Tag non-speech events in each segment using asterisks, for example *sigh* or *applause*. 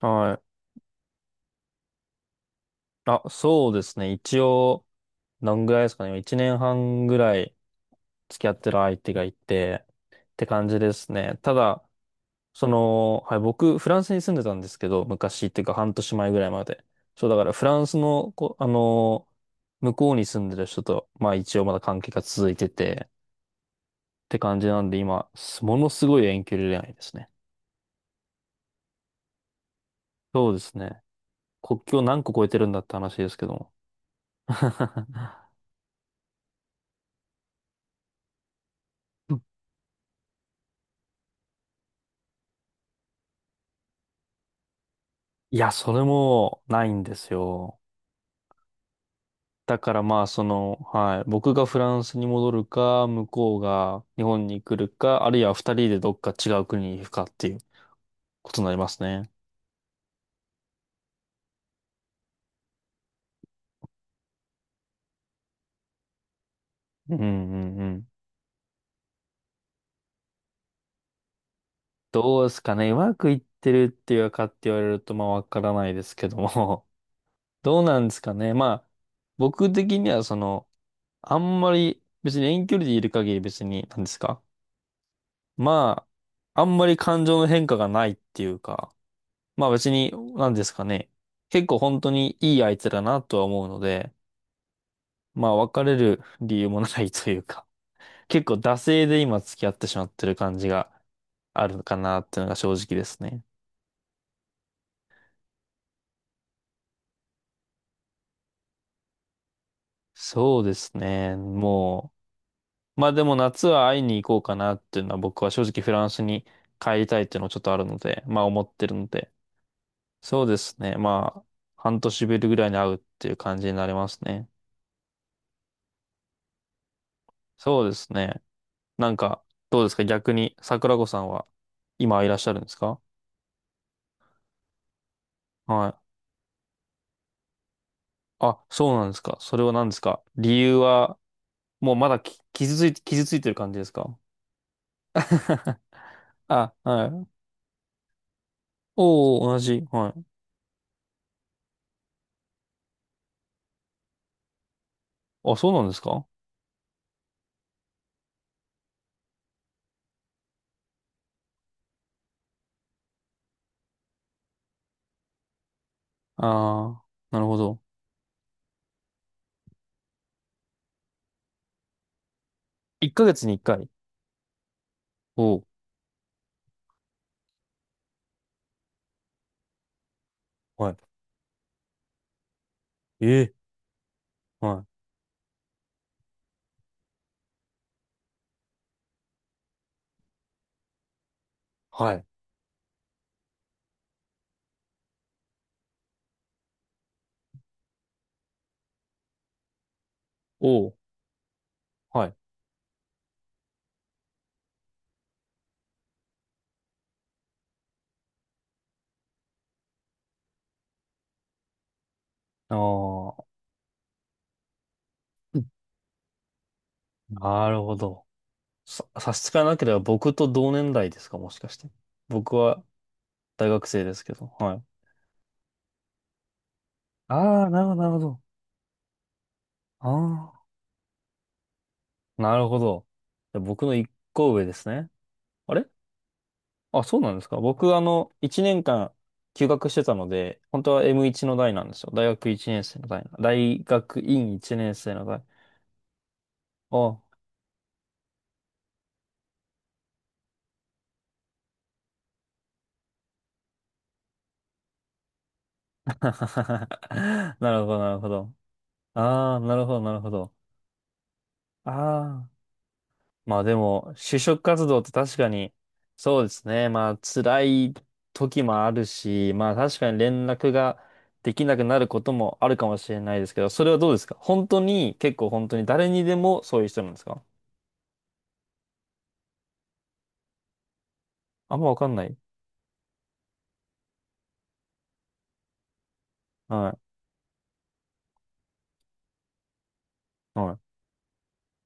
はい。あ、そうですね。一応、何ぐらいですかね。1年半ぐらい付き合ってる相手がいて、って感じですね。ただ、その、はい、僕、フランスに住んでたんですけど、昔っていうか半年前ぐらいまで。そう、だからフランスの、こ、あの向こうに住んでる人と、まあ一応まだ関係が続いてて、って感じなんで、今、のすごい遠距離恋愛ですね。そうですね。国境何個超えてるんだって話ですけども。*laughs* いや、それもないんですよ。だからまあ、その、はい、僕がフランスに戻るか、向こうが日本に来るか、あるいは2人でどっか違う国に行くかっていうことになりますね。うんうんうん。どうですかね。うまくいってるっていうかって言われると、まあ、わからないですけども。*laughs* どうなんですかね。まあ、僕的には、その、あんまり、別に遠距離でいる限り別に、何ですか。まあ、あんまり感情の変化がないっていうか、まあ別に、なんですかね。結構本当にいい相手だなとは思うので、まあ別れる理由もないというか、*laughs* 結構惰性で今付き合ってしまってる感じがあるかなっていうのが正直ですね。そうですね。もう、まあでも夏は会いに行こうかなっていうのは、僕は正直フランスに帰りたいっていうのもちょっとあるので、まあ思ってるので、そうですね。まあ半年ぶりぐらいに会うっていう感じになりますね。そうですね。なんか、どうですか逆に、桜子さんは今いらっしゃるんですか？はい。あ、そうなんですか。それは何ですか、理由は。もうまだ傷ついて、傷ついてる感じですか？ *laughs* あ、はい。おお、同じ。はい。あ、そうなんですか？ああー、なるほど。1ヶ月に1回。おお、はい。ええ、はい。はい。おお、はい。ああ、なるほど。差し支えなければ僕と同年代ですか、もしかして。僕は大学生ですけど。はい。ああ、なるほど、なるほど。ああ、なるほど。じゃあ僕の1個上ですね。あれ、あ、そうなんですか。僕、あの、1年間休学してたので、本当は M1 の代なんですよ。大学一年生の代。大学院一年生の代。お、 *laughs* なるほど、なるほど。ああ、なるほど、なるほど。ああ。まあでも、就職活動って確かに、そうですね。まあ辛い時もあるし、まあ確かに連絡ができなくなることもあるかもしれないですけど、それはどうですか、本当に、結構本当に誰にでもそういう人なんですか？あんまわかんない。はい。はい。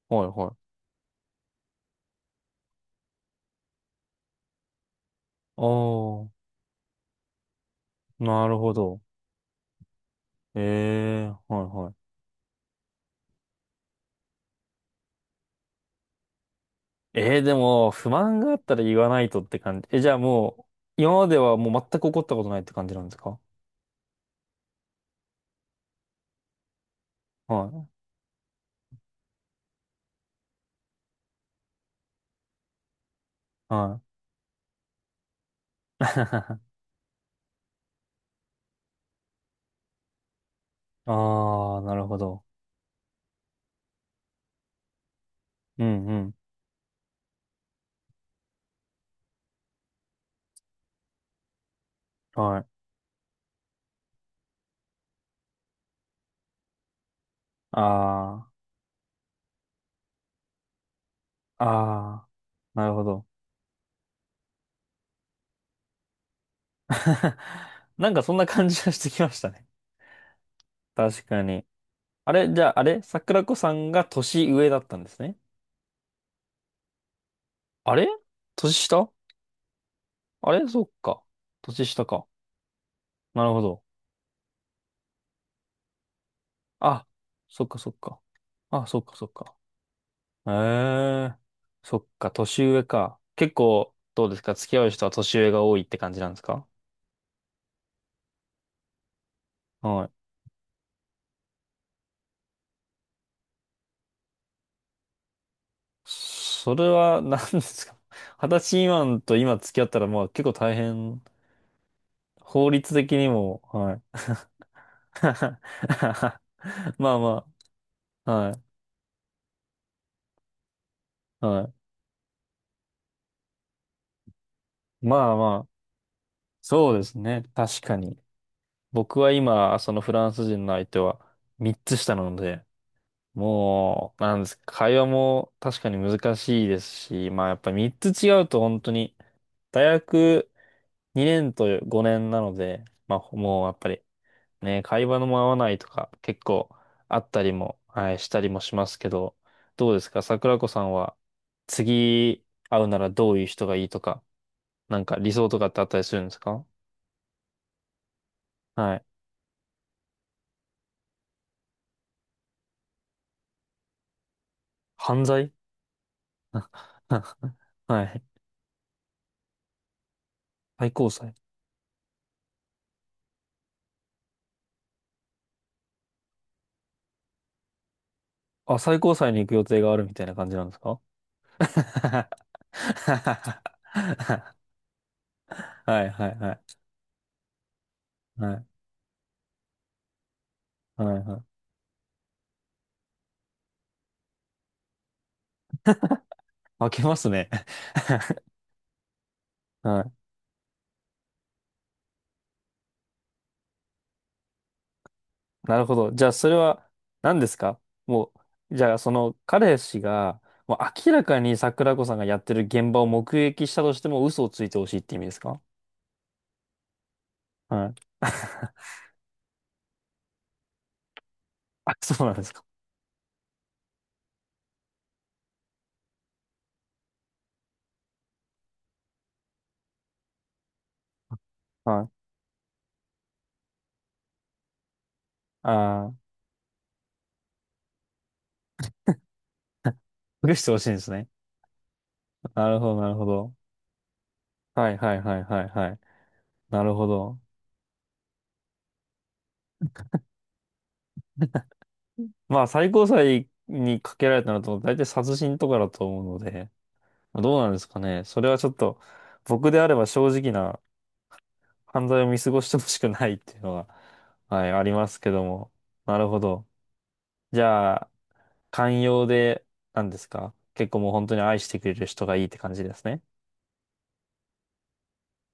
はい。はい。ああ、なるほど。ええ、はいはい。ええ、でも、不満があったら言わないとって感じ。え、じゃあもう、今まではもう全く怒ったことないって感じなんですか？はい。はい。*laughs* ああ、なるほど。うんうん。はい。ああ、ああ、なるほど。*laughs* なんかそんな感じがしてきましたね。確かに。あれ、じゃあ、あれ桜子さんが年上だったんですね。あれ、年下、あれ、そっか。年下か。なるほど。あ、そっかそっか。あ、そっかそっか。ええ、そっか、年上か。結構、どうですか、付き合う人は年上が多いって感じなんですか？はい。それは何ですか？ *laughs* 20歳未満と今付き合ったら、まあ結構大変。法律的にも、はい。*laughs* まあまあ、はい、はい。まあまあ、そうですね。確かに。僕は今、そのフランス人の相手は3つ下なので、もう、なんですか、会話も確かに難しいですし、まあやっぱり3つ違うと本当に、大学2年と5年なので、まあもうやっぱり、ね、会話のも合わないとか結構あったりも、はい、したりもしますけど、どうですか、桜子さんは次会うならどういう人がいいとか、なんか理想とかってあったりするんですか？はい。犯罪。 *laughs* はい。最高裁。あ、最高裁に行く予定があるみたいな感じなんですか？ *laughs* はいはいはい。はいはいはい。開けますね。*laughs* はい、なるほど。じゃあ、それは何ですか、もう、じゃあ、その彼氏が、もう明らかに桜子さんがやってる現場を目撃したとしても嘘をついてほしいって意味ですか？はい。*laughs* あ、そうなんですか。はい。ああ、隠してほしいんですね。なるほど、なるほど。はい、はい、はい、はい、はい。なるほど。まあ、最高裁にかけられたのと、大体殺人とかだと思うので、どうなんですかね。それはちょっと、僕であれば正直な犯罪を見過ごしてほしくないっていうのは、はい、ありますけども。なるほど。じゃあ、寛容で、なんですか、結構もう本当に愛してくれる人がいいって感じですね。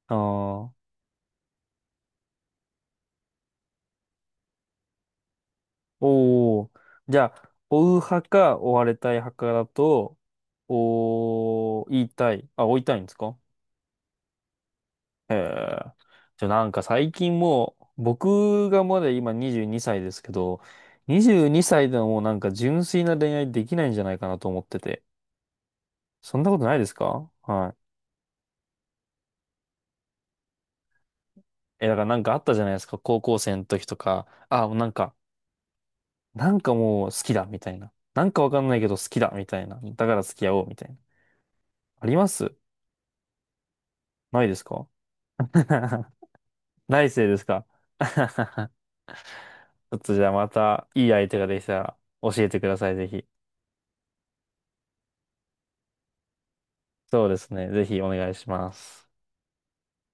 ああ、おお。じゃあ、追う派か追われたい派かだと、おー、言いたい。あ、追いたいんですか？へえ。じゃあなんか最近もう、僕がまだ今22歳ですけど、22歳でももうなんか純粋な恋愛できないんじゃないかなと思ってて。そんなことないですか？はい。え、だからなんかあったじゃないですか。高校生の時とか。あ、もうなんか、なんかもう好きだ、みたいな。なんかわかんないけど好きだ、みたいな。だから付き合おう、みたいな。あります。ないですか？ *laughs* 来世ですか？ *laughs* ちょっとじゃあまたいい相手ができたら教えてください、ぜひ。そうですね。ぜひお願いします。